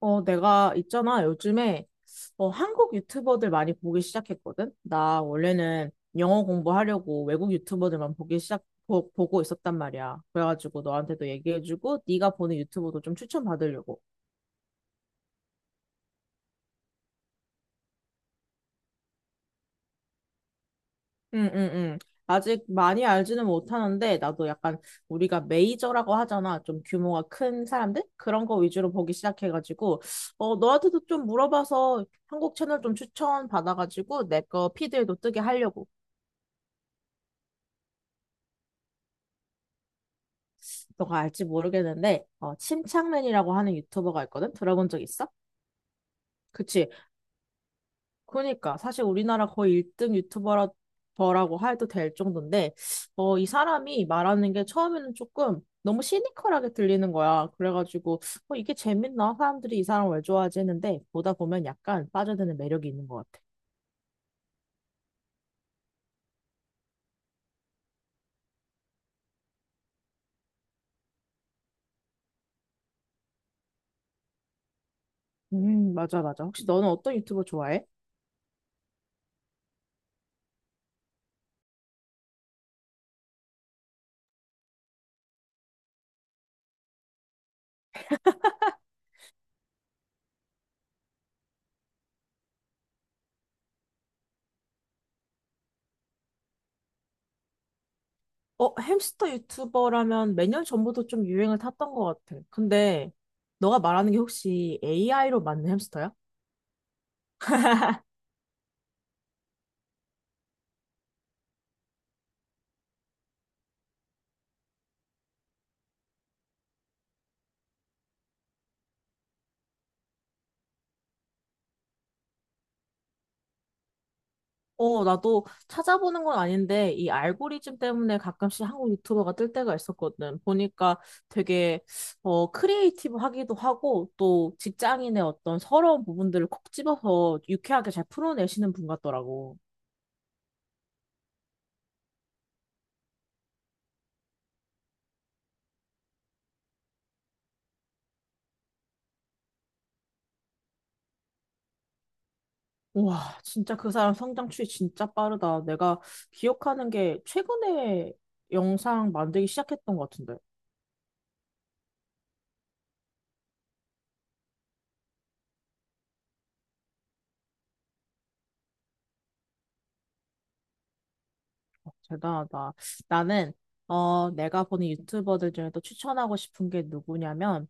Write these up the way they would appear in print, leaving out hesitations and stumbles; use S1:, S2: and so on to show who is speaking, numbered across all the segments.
S1: 내가 있잖아. 요즘에 한국 유튜버들 많이 보기 시작했거든. 나 원래는 영어 공부하려고 외국 유튜버들만 보고 있었단 말이야. 그래가지고 너한테도 얘기해주고 네가 보는 유튜버도 좀 추천받으려고. 응, 응, 응. 아직 많이 알지는 못하는데 나도 약간 우리가 메이저라고 하잖아. 좀 규모가 큰 사람들? 그런 거 위주로 보기 시작해가지고 너한테도 좀 물어봐서 한국 채널 좀 추천 받아가지고 내 거 피드에도 뜨게 하려고. 너가 알지 모르겠는데 침착맨이라고 하는 유튜버가 있거든? 들어본 적 있어? 그치. 그러니까 사실 우리나라 거의 1등 유튜버라고 해도 될 정도인데 이 사람이 말하는 게 처음에는 조금 너무 시니컬하게 들리는 거야. 그래가지고 이게 재밌나? 사람들이 이 사람 왜 좋아하지 했는데 보다 보면 약간 빠져드는 매력이 있는 것 같아. 맞아, 맞아. 혹시 너는 어떤 유튜버 좋아해? 어, 햄스터 유튜버라면 몇 년 전부터 좀 유행을 탔던 것 같아. 근데 너가 말하는 게 혹시 AI로 만든 햄스터야? 나도 찾아보는 건 아닌데 이 알고리즘 때문에 가끔씩 한국 유튜버가 뜰 때가 있었거든. 보니까 되게 크리에이티브하기도 하고 또 직장인의 어떤 서러운 부분들을 콕 집어서 유쾌하게 잘 풀어내시는 분 같더라고. 와, 진짜 그 사람 성장 추이 진짜 빠르다. 내가 기억하는 게 최근에 영상 만들기 시작했던 것 같은데. 어, 대단하다. 나는, 내가 보는 유튜버들 중에 또 추천하고 싶은 게 누구냐면,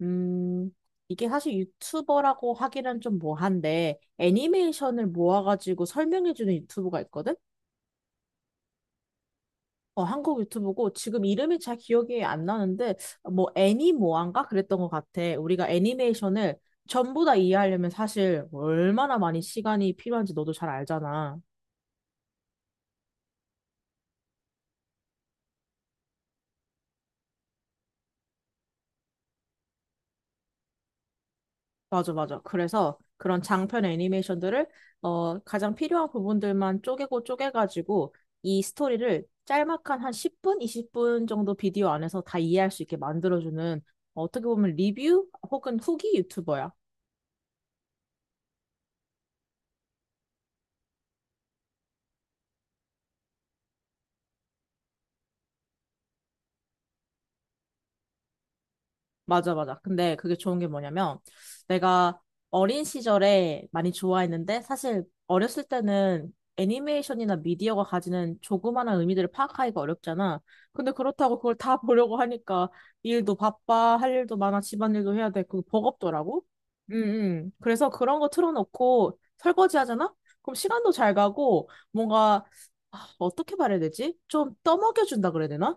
S1: 음, 이게 사실 유튜버라고 하기는 좀 뭐한데, 애니메이션을 모아가지고 설명해주는 유튜브가 있거든? 어, 한국 유튜브고 지금 이름이 잘 기억이 안 나는데 뭐 애니모아인가 그랬던 것 같아. 우리가 애니메이션을 전부 다 이해하려면 사실 얼마나 많이 시간이 필요한지 너도 잘 알잖아. 맞아, 맞아. 그래서 그런 장편 애니메이션들을 가장 필요한 부분들만 쪼개고 쪼개가지고 이 스토리를 짤막한 한 10분, 20분 정도 비디오 안에서 다 이해할 수 있게 만들어주는 어떻게 보면 리뷰 혹은 후기 유튜버야. 맞아, 맞아. 근데 그게 좋은 게 뭐냐면, 내가 어린 시절에 많이 좋아했는데, 사실 어렸을 때는 애니메이션이나 미디어가 가지는 조그마한 의미들을 파악하기가 어렵잖아. 근데 그렇다고 그걸 다 보려고 하니까, 일도 바빠, 할 일도 많아, 집안일도 해야 돼. 그거 버겁더라고. 그래서 그런 거 틀어놓고 설거지 하잖아? 그럼 시간도 잘 가고, 뭔가, 아, 어떻게 말해야 되지? 좀 떠먹여준다 그래야 되나?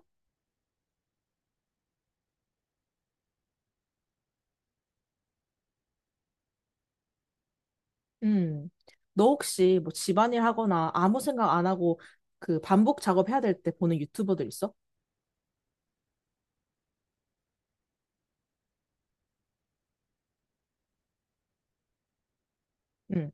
S1: 음. 너 혹시 뭐 집안일 하거나 아무 생각 안 하고 그 반복 작업해야 될 때 보는 유튜버들 있어? 응.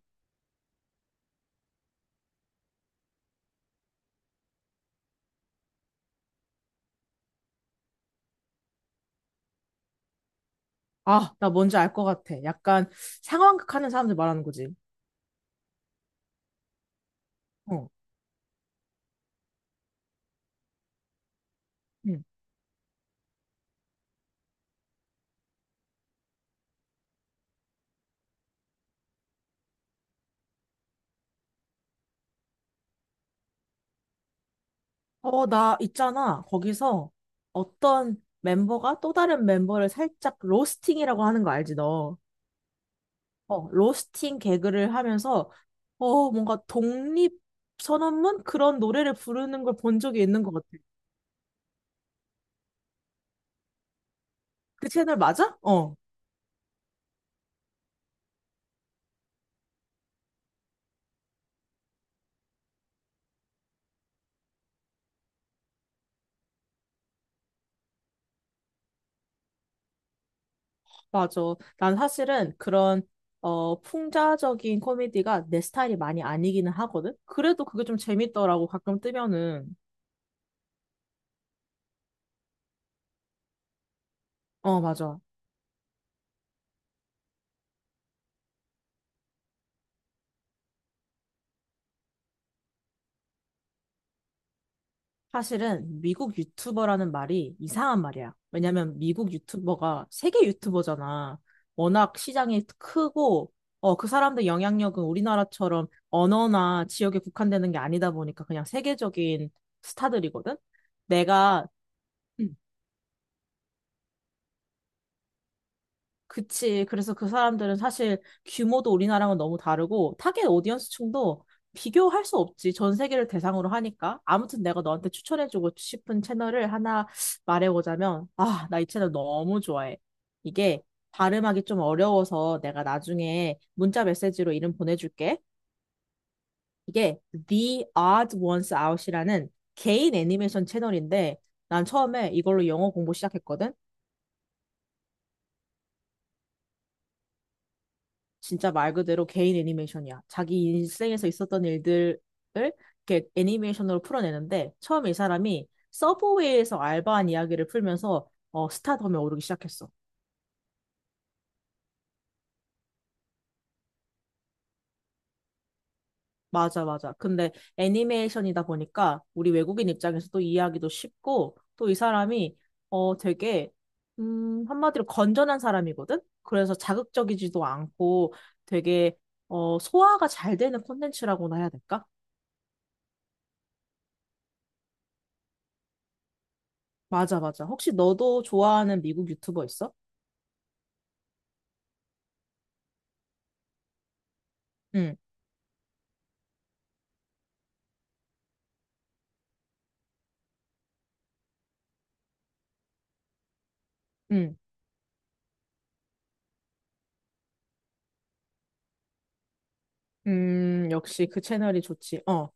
S1: 아, 나 뭔지 알 것 같아. 약간 상황극 하는 사람들 말하는 거지. 어. 응. 어, 나 있잖아. 거기서 어떤 멤버가 또 다른 멤버를 살짝 로스팅이라고 하는 거 알지, 너? 로스팅 개그를 하면서 뭔가 독립 선언문 그런 노래를 부르는 걸 본 적이 있는 것 같아. 그 채널 맞아? 어. 맞아. 난 사실은 그런 어 풍자적인 코미디가 내 스타일이 많이 아니기는 하거든. 그래도 그게 좀 재밌더라고 가끔 뜨면은. 어, 맞아. 사실은 미국 유튜버라는 말이 이상한 말이야. 왜냐면 미국 유튜버가 세계 유튜버잖아. 워낙 시장이 크고 어 그 사람들 영향력은 우리나라처럼 언어나 지역에 국한되는 게 아니다 보니까 그냥 세계적인 스타들이거든. 내가 음, 그치. 그래서 그 사람들은 사실 규모도 우리나라랑은 너무 다르고 타겟 오디언스층도 비교할 수 없지. 전 세계를 대상으로 하니까. 아무튼 내가 너한테 추천해주고 싶은 채널을 하나 말해보자면, 아, 나 이 채널 너무 좋아해. 이게 발음하기 좀 어려워서 내가 나중에 문자 메시지로 이름 보내줄게. 이게 The Odd Ones Out이라는 개인 애니메이션 채널인데, 난 처음에 이걸로 영어 공부 시작했거든. 진짜 말 그대로 개인 애니메이션이야. 자기 인생에서 있었던 일들을 이렇게 애니메이션으로 풀어내는데 처음 이 사람이 서브웨이에서 알바한 이야기를 풀면서 스타덤에 오르기 시작했어. 맞아, 맞아. 근데 애니메이션이다 보니까 우리 외국인 입장에서도 이해하기도 쉽고 또 이 사람이 어, 되게 한마디로 건전한 사람이거든? 그래서 자극적이지도 않고 되게 소화가 잘 되는 콘텐츠라고나 해야 될까? 맞아, 맞아. 혹시 너도 좋아하는 미국 유튜버 있어? 응, 응. 역시 그 채널이 좋지. 어,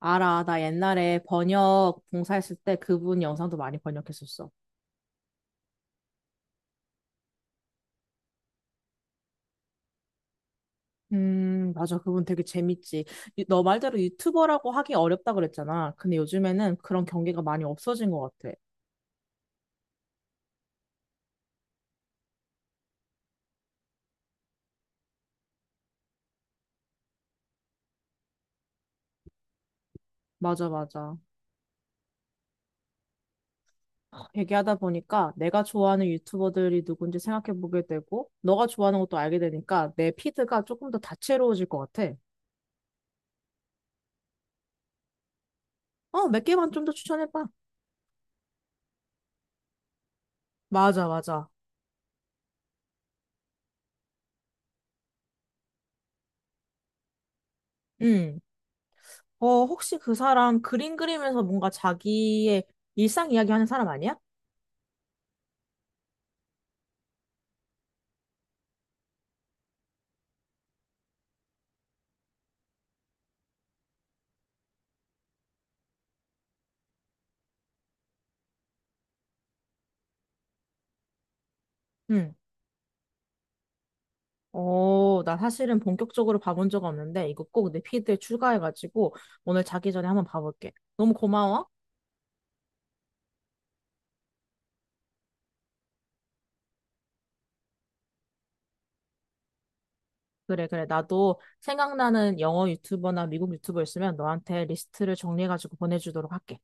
S1: 알아. 나 옛날에 번역 봉사했을 때 그분 영상도 많이 번역했었어. 맞아. 그분 되게 재밌지. 너 말대로 유튜버라고 하기 어렵다 그랬잖아. 근데 요즘에는 그런 경계가 많이 없어진 것 같아. 맞아, 맞아. 하, 얘기하다 보니까 내가 좋아하는 유튜버들이 누군지 생각해보게 되고, 너가 좋아하는 것도 알게 되니까 내 피드가 조금 더 다채로워질 것 같아. 어, 몇 개만 좀 더 추천해봐. 맞아, 맞아. 응. 어, 혹시 그 사람 그림 그리면서 뭔가 자기의 일상 이야기하는 사람 아니야? 응. 어, 나 사실은 본격적으로 봐본 적 없는데, 이거 꼭 내 피드에 추가해가지고, 오늘 자기 전에 한번 봐볼게. 너무 고마워. 그래, 그래. 나도 생각나는 영어 유튜버나 미국 유튜버 있으면 너한테 리스트를 정리해가지고 보내주도록 할게.